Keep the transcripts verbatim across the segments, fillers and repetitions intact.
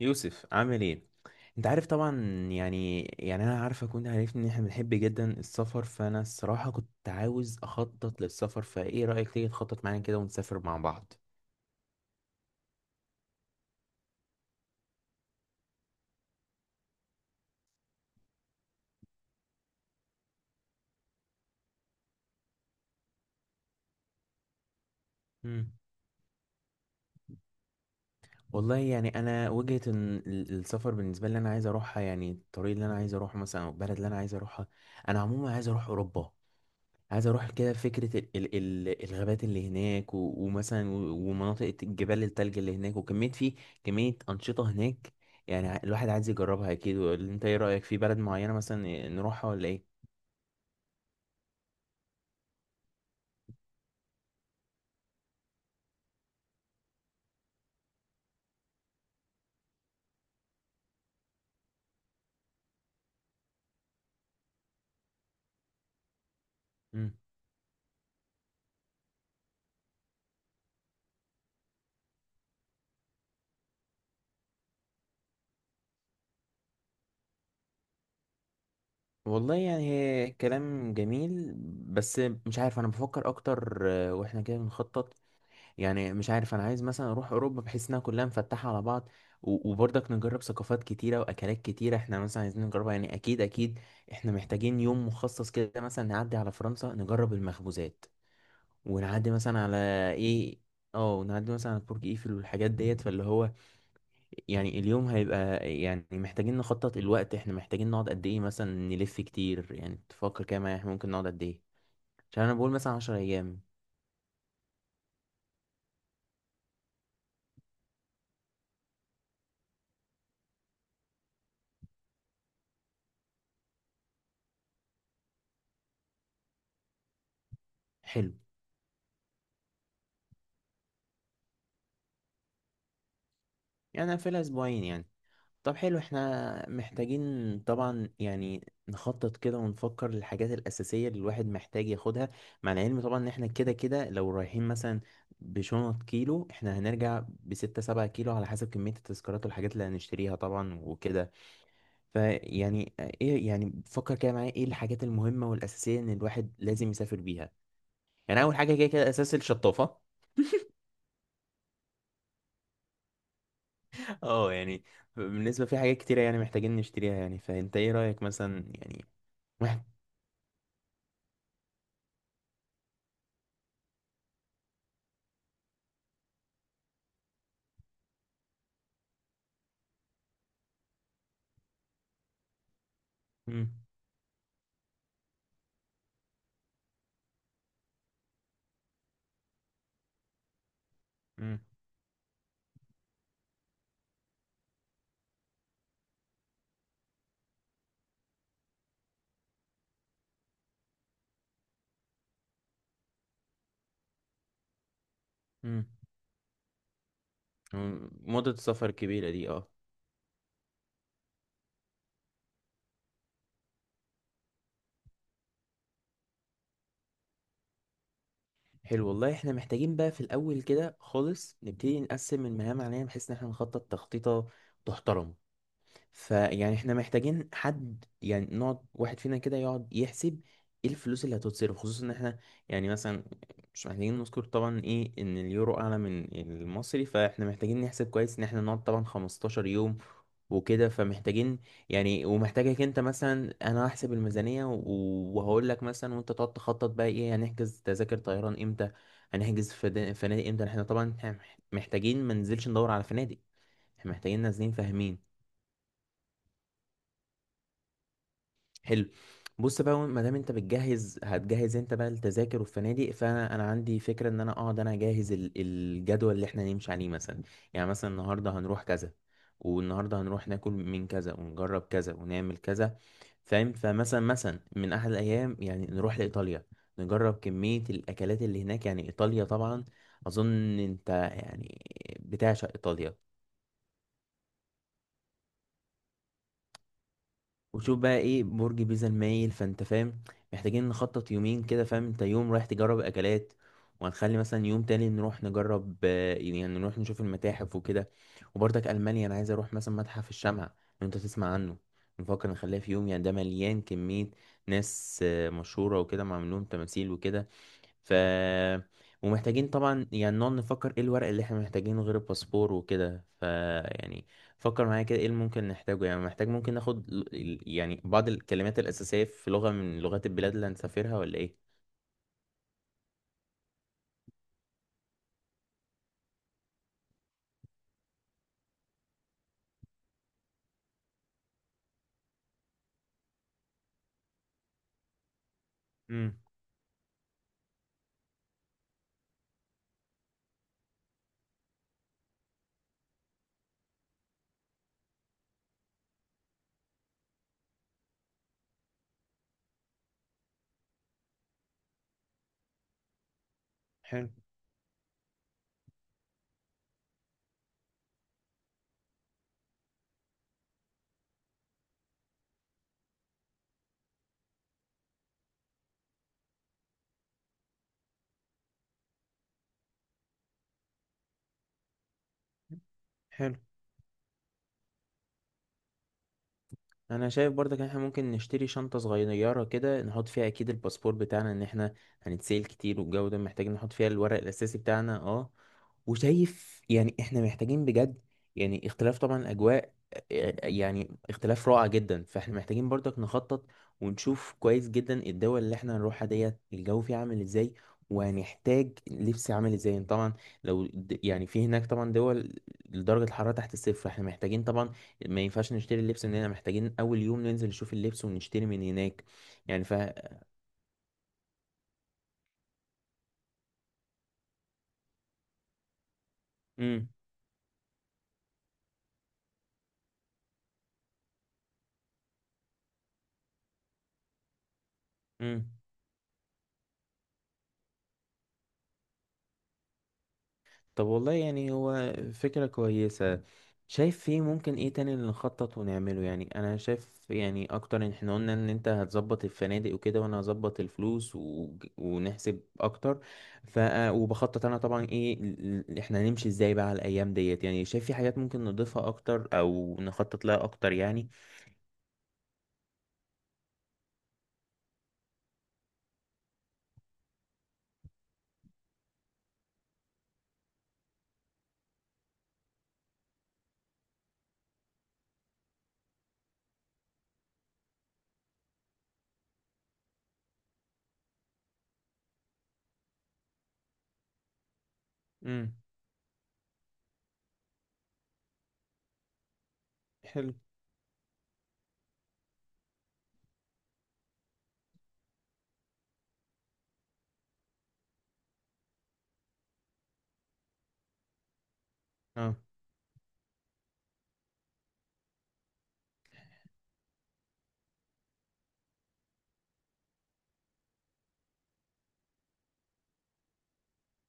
يوسف عامل ايه؟ انت عارف طبعا. يعني يعني انا عارفك وانت عارفني ان احنا بنحب جدا السفر، فانا الصراحة كنت عاوز اخطط للسفر، فايه رأيك تيجي تخطط معايا كده ونسافر مع بعض. مم. والله يعني انا وجهة إن ال- السفر بالنسبة لي انا عايز اروحها، يعني الطريق اللي انا عايز اروحه مثلا او البلد اللي انا عايز اروحها. انا عموما عايز اروح اوروبا، عايز اروح كده فكره ال ال ال الغابات اللي هناك و- ومثلا و- ومناطق الجبال التلج اللي هناك وكميه في كميه انشطه هناك، يعني ع- الواحد عايز يجربها اكيد. ولا انت ايه رايك في بلد معينه مثلا نروحها ولا ايه؟ مم. والله يعني هي كلام جميل، بس مش عارف، انا بفكر اكتر. آه، واحنا كده بنخطط، يعني مش عارف، انا عايز مثلا اروح اوروبا بحيث انها كلها مفتحه على بعض، و- وبرضك نجرب ثقافات كتيره واكلات كتيره احنا مثلا عايزين نجربها، يعني اكيد اكيد. احنا محتاجين يوم مخصص كده مثلا نعدي على فرنسا نجرب المخبوزات، ونعدي مثلا على ايه، اه نعدي مثلا على برج ايفل والحاجات ديت، فاللي هو يعني اليوم هيبقى، يعني محتاجين نخطط الوقت، احنا محتاجين نقعد قد ايه، مثلا نلف كتير، يعني تفكر كده معايا احنا ممكن نقعد قد ايه، عشان انا بقول مثلا 10 ايام. حلو، يعني أنا في اسبوعين يعني. طب حلو، احنا محتاجين طبعا يعني نخطط كده ونفكر للحاجات الأساسية اللي الواحد محتاج ياخدها، مع العلم طبعا ان احنا كده كده لو رايحين مثلا بشنط كيلو احنا هنرجع بستة سبعة كيلو على حسب كمية التذكارات والحاجات اللي هنشتريها طبعا وكده. فيعني ايه، يعني فكر كده معايا ايه الحاجات المهمة والأساسية ان الواحد لازم يسافر بيها. يعني أول حاجة كده كده أساس الشطافة. اه يعني بالنسبة في حاجات كتيرة، يعني محتاجين نشتريها، يعني فأنت ايه رأيك مثلا يعني. واحد. مم. مم. مم. مدة السفر الكبيرة دي اه. حلو والله، احنا محتاجين بقى في الأول كده خالص نبتدي نقسم المهام علينا بحيث ان احنا نخطط تخطيطة تحترم. فيعني احنا محتاجين حد، يعني نقعد واحد فينا كده يقعد يحسب ايه الفلوس اللي هتتصرف، خصوصا ان احنا يعني مثلا مش محتاجين نذكر طبعا ايه ان اليورو اعلى من المصري، فاحنا محتاجين نحسب كويس ان احنا نقعد طبعا 15 يوم وكده، فمحتاجين يعني، ومحتاجك انت مثلا، انا هحسب الميزانية و- وهقول لك مثلا، وانت تقعد تخطط بقى ايه، هنحجز تذاكر طيران امتى، هنحجز فدا- فنادق امتى. احنا طبعا محتاجين ما ننزلش ندور على فنادق، احنا محتاجين نازلين فاهمين. حلو، بص بقى، ما دام انت بتجهز، هتجهز انت بقى التذاكر والفنادق، فانا انا عندي فكره ان انا اقعد انا اجهز ال- الجدول اللي احنا نمشي عليه مثلا، يعني مثلا النهارده هنروح كذا، والنهارده هنروح ناكل من كذا ونجرب كذا ونعمل كذا، فاهم؟ فمثلا مثلا من احد الايام يعني نروح لايطاليا نجرب كميه الاكلات اللي هناك، يعني ايطاليا طبعا اظن انت يعني بتعشق ايطاليا، وشوف بقى ايه برج بيزا المايل، فانت فاهم محتاجين نخطط يومين كده. فاهم انت، يوم رايح تجرب اكلات، وهنخلي مثلا يوم تاني نروح نجرب آه، يعني نروح نشوف المتاحف وكده. وبرضك المانيا انا عايز اروح مثلا متحف الشمع لو انت تسمع عنه، نفكر نخليها في يوم، يعني ده مليان كمية ناس آه، مشهورة وكده، معمول لهم تماثيل وكده. ف ومحتاجين طبعا يعني نقعد نفكر ايه الورق اللي احنا محتاجينه غير الباسبور وكده، ف يعني فكر معايا كده ايه اللي ممكن نحتاجه، يعني محتاج ممكن ناخد ل- ال- يعني بعض الكلمات الأساسية في لغة من لغات البلاد اللي هنسافرها ولا ايه؟ امم. حلو. حلو، انا شايف برضك ان احنا ممكن نشتري شنطة صغيرة كده نحط فيها اكيد الباسبور بتاعنا، ان احنا هنتسال كتير والجو ده، محتاجين نحط فيها الورق الاساسي بتاعنا اه. وشايف يعني احنا محتاجين بجد، يعني اختلاف طبعا اجواء، آه، يعني اختلاف رائع جدا، فاحنا محتاجين برضك نخطط ونشوف كويس جدا الدول اللي احنا هنروحها ديت الجو فيها عامل ازاي، وهنحتاج لبس عامل ازاي. يعني طبعا لو د- يعني في هناك طبعا دول درجة الحرارة تحت الصفر، احنا محتاجين طبعا ما ينفعش نشتري اللبس من هنا، محتاجين اول يوم ننزل نشوف اللبس ونشتري من هناك. يعني ف امم. طب والله يعني هو فكرة كويسة، شايف فيه ممكن ايه تاني اللي نخطط ونعمله؟ يعني انا شايف يعني اكتر ان احنا قلنا ان انت هتظبط الفنادق وكده، وانا هظبط الفلوس و... ونحسب اكتر، ف آه، وبخطط انا طبعا ايه ال- ال- احنا هنمشي ازاي بقى على الايام ديت، يعني شايف في حاجات ممكن نضيفها اكتر او نخطط لها اكتر يعني. امم. حلو.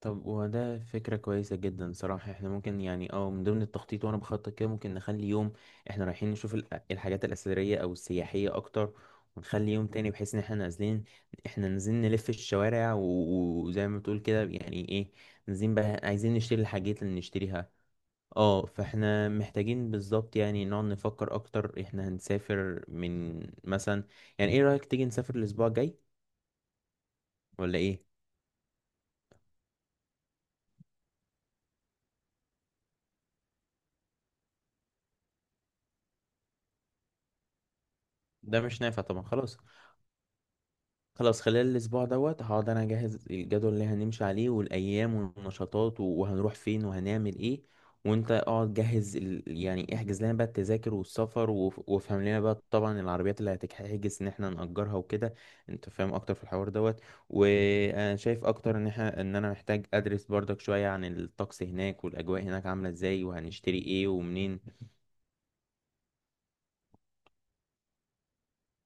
طب وده فكرة كويسة جدا صراحة، احنا ممكن يعني اه من ضمن التخطيط وانا بخطط كده ممكن نخلي يوم احنا رايحين نشوف ال- آه، الحاجات الأثرية او السياحية اكتر، ونخلي يوم تاني بحيث ان احنا نازلين، احنا نازلين نلف الشوارع و- وزي ما بتقول كده يعني ايه، نازلين بقى عايزين نشتري الحاجات اللي نشتريها اه. فاحنا محتاجين بالظبط يعني نقعد نفكر اكتر، احنا هنسافر من مثلا، يعني ايه رأيك تيجي نسافر الاسبوع الجاي ولا ايه؟ ده مش نافع طبعا خلاص. خلاص، خلال الأسبوع دوت هقعد أنا أجهز الجدول اللي هنمشي عليه والأيام والنشاطات و- وهنروح فين وهنعمل إيه، وأنت اقعد جهز ال... يعني احجز لنا بقى التذاكر والسفر وف... وافهم لنا بقى طبعا العربيات اللي هتحجز إن احنا نأجرها وكده، أنت فاهم أكتر في الحوار دوت. وأنا شايف أكتر إن احنا إن أنا محتاج أدرس برضك شوية عن الطقس هناك والأجواء هناك عاملة إزاي وهنشتري إيه ومنين.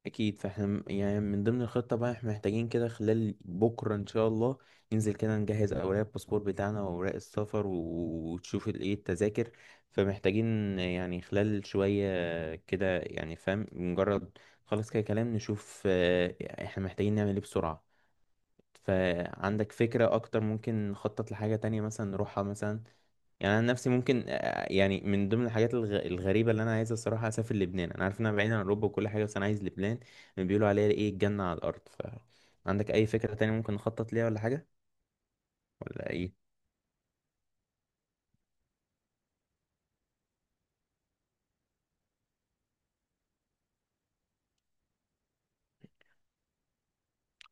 اكيد، فاحنا م- يعني من ضمن الخطه بقى احنا محتاجين كده خلال بكره ان شاء الله ننزل كده نجهز اوراق الباسبور بتاعنا واوراق السفر، و- وتشوف ال- ايه التذاكر. فمحتاجين يعني خلال شويه كده، يعني فاهم، مجرد خلاص كده كلام نشوف آه، احنا محتاجين نعمل ايه بسرعه. فعندك فكره اكتر ممكن نخطط لحاجه تانية مثلا نروحها مثلا؟ يعني انا نفسي ممكن آه، يعني من ضمن الحاجات الغ- الغريبه اللي انا عايز الصراحه اسافر لبنان، انا عارف انها بعيده عن اوروبا وكل حاجه بس انا عايز لبنان، بيقولوا عليها ايه الجنه على الارض. ف عندك اي فكره تانية ممكن نخطط ليها ولا حاجه ولا ايه؟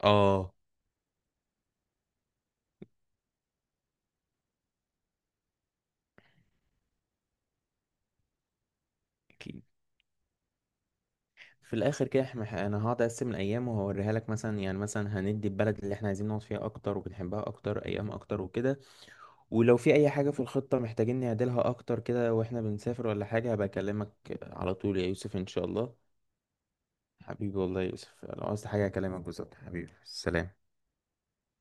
اه اكيد. في الاخر كده احنا ح- انا هقعد اقسم الايام وهوريها لك مثلا، يعني مثلا هندي البلد اللي احنا عايزين نقعد فيها اكتر وبنحبها اكتر ايام اكتر وكده، ولو في اي حاجه في الخطه محتاجين نعدلها اكتر كده واحنا بنسافر ولا حاجه هبقى اكلمك على طول يا يوسف ان شاء الله. حبيبي والله يا يوسف، لو عاوزت حاجة أكلمك بالظبط. حبيبي سلام.